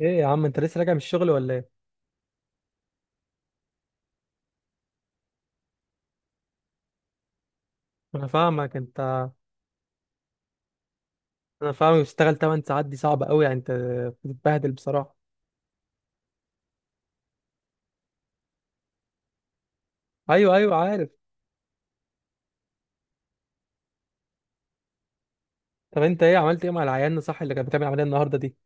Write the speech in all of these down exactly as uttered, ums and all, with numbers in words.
ايه يا عم، انت لسه راجع من الشغل ولا ايه؟ انا فاهمك انت انا فاهمك بتشتغل ثماني ساعات، دي صعبه قوي يعني، انت بتتبهدل بصراحه. ايوه ايوه عارف. طب انت ايه، عملت ايه مع العيان صح اللي كانت بتعمل عمليه النهارده دي؟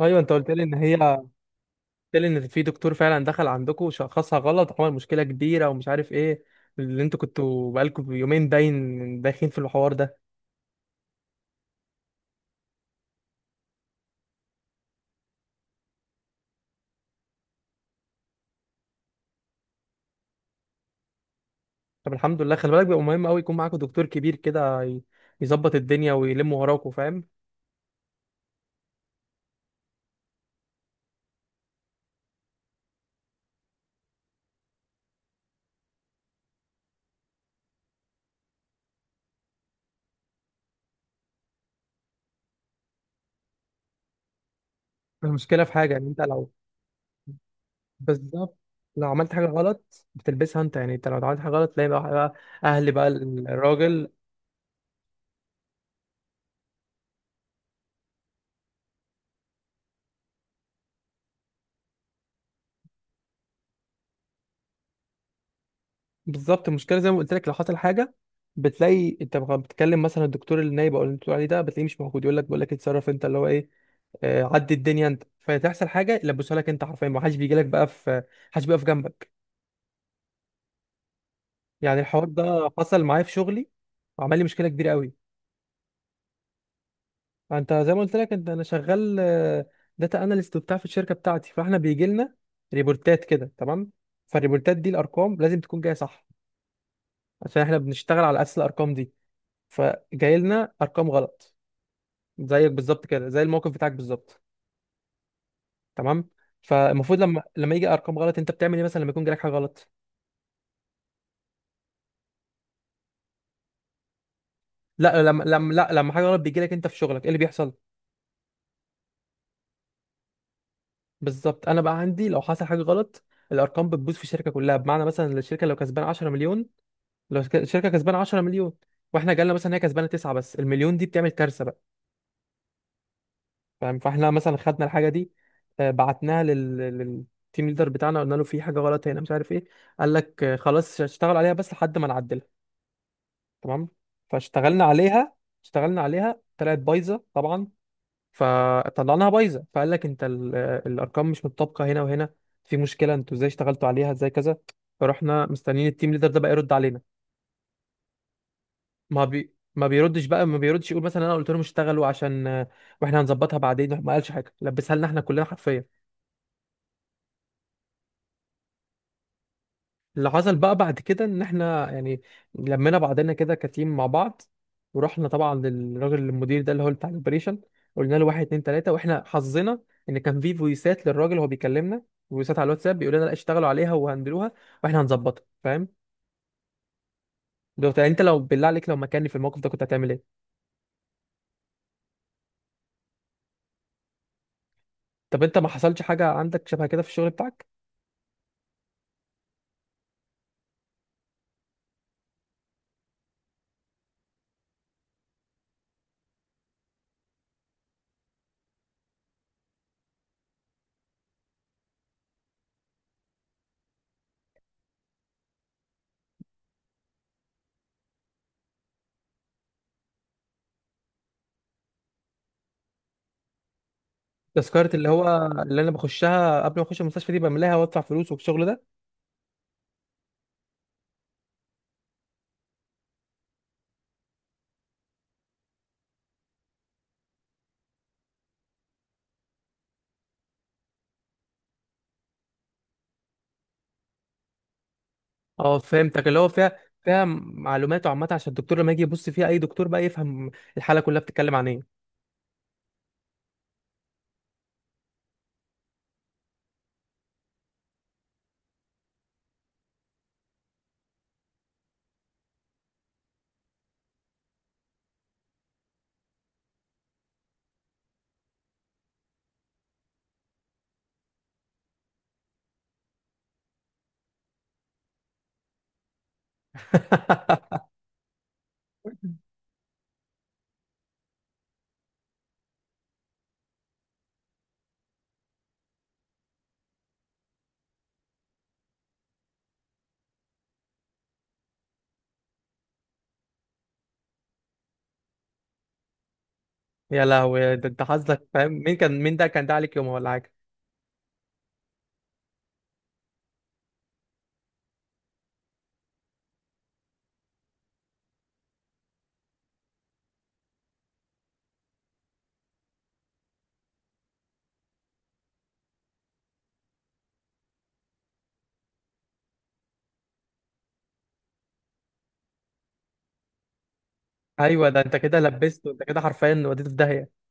ايوه انت قلت لي ان هي، قلت لي ان في دكتور فعلا دخل عندكم وشخصها غلط وعمل مشكله كبيره ومش عارف ايه، اللي انتوا كنتوا بقالكم يومين باين داخلين في الحوار ده. طب الحمد لله، خلي بالك بيبقى مهم قوي يكون معاكم دكتور كبير كده ي- يظبط الدنيا ويلم وراكم، فاهم؟ المشكله في حاجه، ان انت لو، بالظبط، لو عملت حاجة غلط بتلبسها انت، يعني انت لو عملت حاجة غلط تلاقي بقى بقى اهل بقى الراجل. بالظبط، المشكلة زي ما قلت لك، لو حصل حاجة بتلاقي انت بقى بتكلم مثلا الدكتور النايب او اللي انت بتقول عليه ده، بتلاقيه مش موجود، يقول لك، بقول لك اتصرف انت، اللي هو ايه، آه، عدي الدنيا انت، فتحصل حاجة يلبسها لك انت حرفيا، ما حدش بيجي لك بقى، في حدش بيقف جنبك. يعني الحوار ده حصل معايا في شغلي وعمل لي مشكلة كبيرة قوي. انت زي ما قلت لك، انت انا شغال داتا اناليست وبتاع في الشركه بتاعتي، فاحنا بيجي لنا ريبورتات كده، تمام؟ فالريبورتات دي الارقام لازم تكون جايه صح، عشان احنا بنشتغل على اساس الارقام دي. فجاي لنا ارقام غلط، زيك بالظبط كده، زي الموقف بتاعك بالظبط، تمام؟ فالمفروض لما لما يجي ارقام غلط انت بتعمل ايه مثلا لما يكون جالك حاجه غلط؟ لا لما لما لا لما حاجه غلط بيجي لك انت في شغلك ايه اللي بيحصل؟ بالظبط. انا بقى عندي لو حصل حاجه غلط، الارقام بتبوظ في الشركه كلها، بمعنى مثلا الشركه لو كسبان عشرة مليون، لو ك- الشركه كسبانه عشرة مليون، واحنا جالنا مثلا هي كسبانه تسعة، بس المليون دي بتعمل كارثه بقى، فاهم؟ فاحنا مثلا خدنا الحاجه دي، آه، بعتناها لل... للتيم ليدر بتاعنا، قلنا له في حاجه غلط هنا مش عارف ايه. قال لك آه، خلاص اشتغل عليها بس لحد ما نعدلها، تمام؟ فاشتغلنا عليها. اشتغلنا عليها، طلعت بايظه طبعا. فطلعناها بايظه، فقال لك انت ال... آه، الارقام مش متطابقه هنا وهنا، في مشكله، انتوا ازاي اشتغلتوا عليها، ازاي كذا. فرحنا مستنيين التيم ليدر ده بقى يرد علينا. ما بي ما بيردش بقى، ما بيردش يقول مثلا انا قلت لهم اشتغلوا عشان آه، واحنا هنظبطها بعدين. ما قالش حاجه، لبسها لنا احنا كلنا حرفيا. اللي حصل بقى بعد كده ان احنا يعني لمينا بعضنا كده كتيم مع بعض، ورحنا طبعا للراجل المدير ده اللي هو بتاع الاوبريشن، قلنا له واحد اتنين تلاته. واحنا حظنا ان كان في فويسات للراجل وهو بيكلمنا، فويسات على الواتساب بيقول لنا لا اشتغلوا عليها وهندلوها واحنا هنظبطها، فاهم؟ لو انت، لو بالله عليك، لو مكاني في الموقف ده كنت هتعمل ايه؟ طب انت ما حصلش حاجه عندك شبه كده في الشغل بتاعك؟ تذكرة اللي هو اللي انا بخشها قبل ما اخش المستشفى، دي بملاها وادفع فلوس والشغل ده. اه فهمتك، اللي هو فيها فيها معلومات عامة عشان الدكتور لما يجي يبص فيها، اي دكتور بقى يفهم الحالة كلها بتتكلم عن ايه. يا لهوي، ده انت حظك، فاهم مين كان؟ مين ده كان ده عليك يومها ولا حاجة؟ ايوه، ده انت كده لبسته انت كده حرفيا وديته في داهية.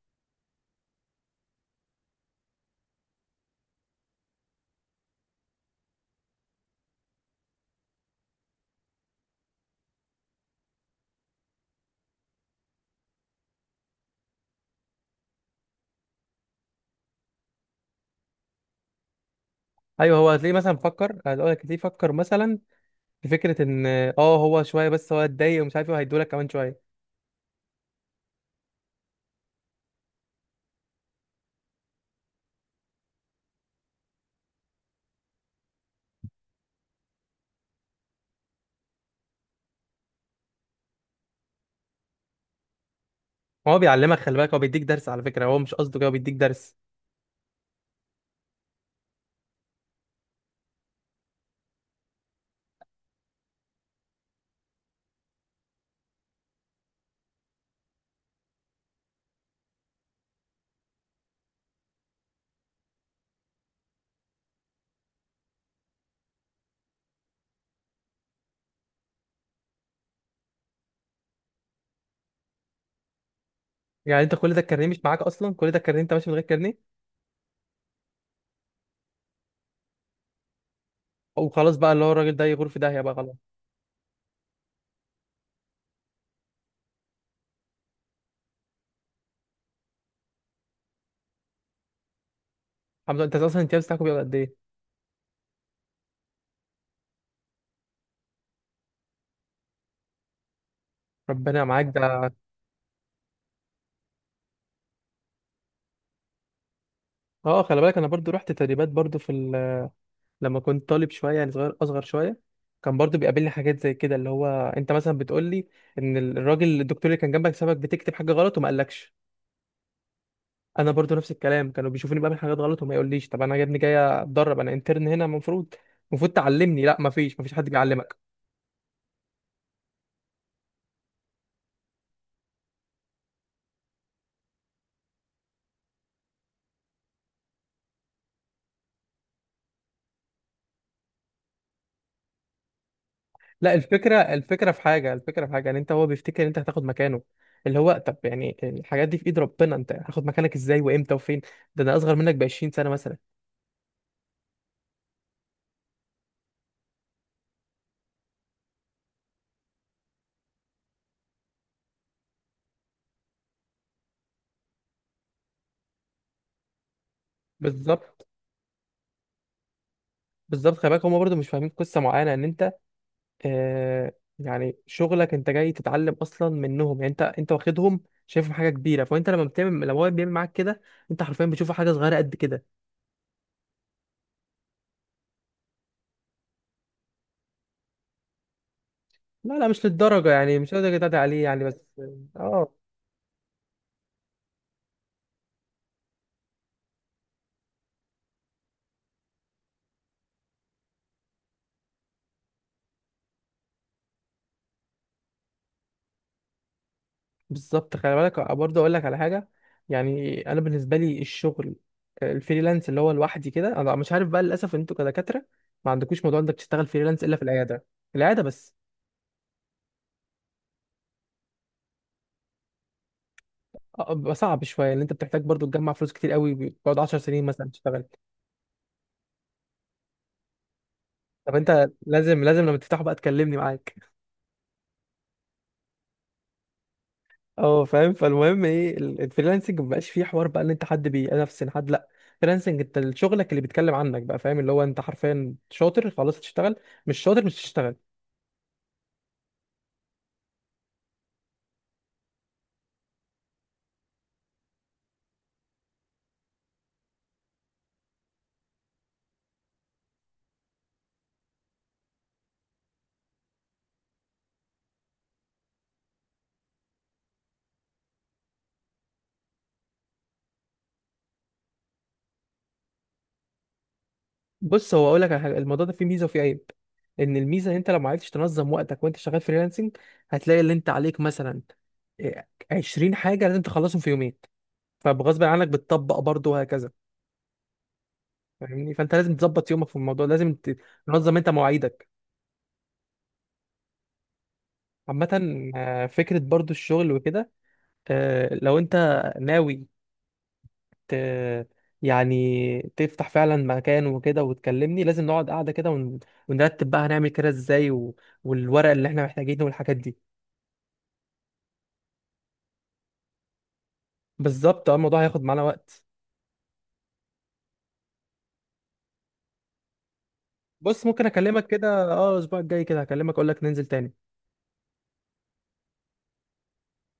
ايوه هو هتلاقيه مثلا فكر، هقول لك هتلاقيه فكر مثلا في فكرة ان، اه هو شوية بس هو اتضايق ومش عارف ايه، وهيدولك كمان شوية. هو بيعلمك، خلي بالك، هو بيديك درس، على فكرة هو مش قصده كده، هو بيديك درس. يعني انت كل ده الكارنيه مش معاك اصلا؟ كل ده الكارنيه انت ماشي من غير كارنيه؟ وخلاص بقى، اللي هو الراجل ده يغور في داهيه بقى، خلاص. الحمد لله، انت اصلا الامتياز بتاعك بيبقى قد ايه؟ ربنا معاك ده. اه خلي بالك، انا برضو رحت تدريبات برضو في ال... لما كنت طالب شويه، يعني صغير، اصغر شويه، كان برضو بيقابلني حاجات زي كده. اللي هو انت مثلا بتقول لي ان الراجل الدكتور اللي كان جنبك سابك بتكتب حاجه غلط وما قالكش. انا برضو نفس الكلام، كانوا بيشوفوني بعمل حاجات غلط وما يقوليش، طب انا يا ابني جاي اتدرب، انا انترن هنا، المفروض المفروض تعلمني، لا مفيش مفيش حد بيعلمك. لا الفكرة، الفكرة في حاجة الفكرة في حاجة يعني، انت هو بيفتكر ان انت هتاخد مكانه، اللي هو طب يعني الحاجات دي في ايد ربنا، انت هتاخد مكانك ازاي وامتى وفين؟ ده انا اصغر منك ب عشرين سنة مثلا. بالظبط بالظبط، خلي بالك هما برضه مش فاهمين قصة معينة ان انت، آه، يعني شغلك انت جاي تتعلم اصلا منهم، يعني انت، انت واخدهم شايفهم حاجة كبيرة، فانت لما بتعمل، لما هو بيعمل معاك كده، انت حرفيا بتشوف حاجة صغيرة قد كده. لا لا مش للدرجة يعني، مش لدرجة تعدي عليه يعني، بس اه. بالظبط، خلي بالك برضه اقول لك على حاجه، يعني انا بالنسبه لي الشغل الفريلانس اللي هو لوحدي كده، انا مش عارف بقى للاسف انتوا كدكاتره ما عندكوش موضوع انك تشتغل فريلانس الا في العياده، العياده بس. أه، بيبقى صعب شويه ان انت بتحتاج برضه تجمع فلوس كتير قوي، بتقعد عشر سنين مثلا تشتغل. طب انت لازم لازم لما تفتحه بقى تكلمني معاك. اه فاهم. فالمهم ايه ال- الفريلانسنج ما بقاش فيه حوار بقى ان انت حد بينافسن حد، لا. فريلانسنج انت شغلك اللي بيتكلم عنك بقى، فاهم؟ اللي هو انت حرفيا شاطر خلاص تشتغل، مش شاطر مش تشتغل. بص هو اقول لك على حاجه، الموضوع ده فيه ميزه وفيه عيب، ان الميزه ان انت لو ما عرفتش تنظم وقتك وانت شغال فريلانسنج، هتلاقي اللي انت عليك مثلا إيه، عشرين حاجه لازم تخلصهم في يومين، فبغصب عنك بتطبق برضه وهكذا. فاهمني؟ فانت لازم تظبط يومك في الموضوع، لازم ت- تنظم انت مواعيدك عامه. آه، فكره برضه الشغل وكده، آه، لو انت ناوي ت... يعني تفتح فعلا مكان وكده وتكلمني، لازم نقعد قاعده كده ون... ونرتب بقى هنعمل كده ازاي و... والورق اللي احنا محتاجينه والحاجات دي. بالظبط، اه الموضوع هياخد معانا وقت. بص ممكن اكلمك كده، اه الاسبوع الجاي كده هكلمك اقول لك ننزل تاني.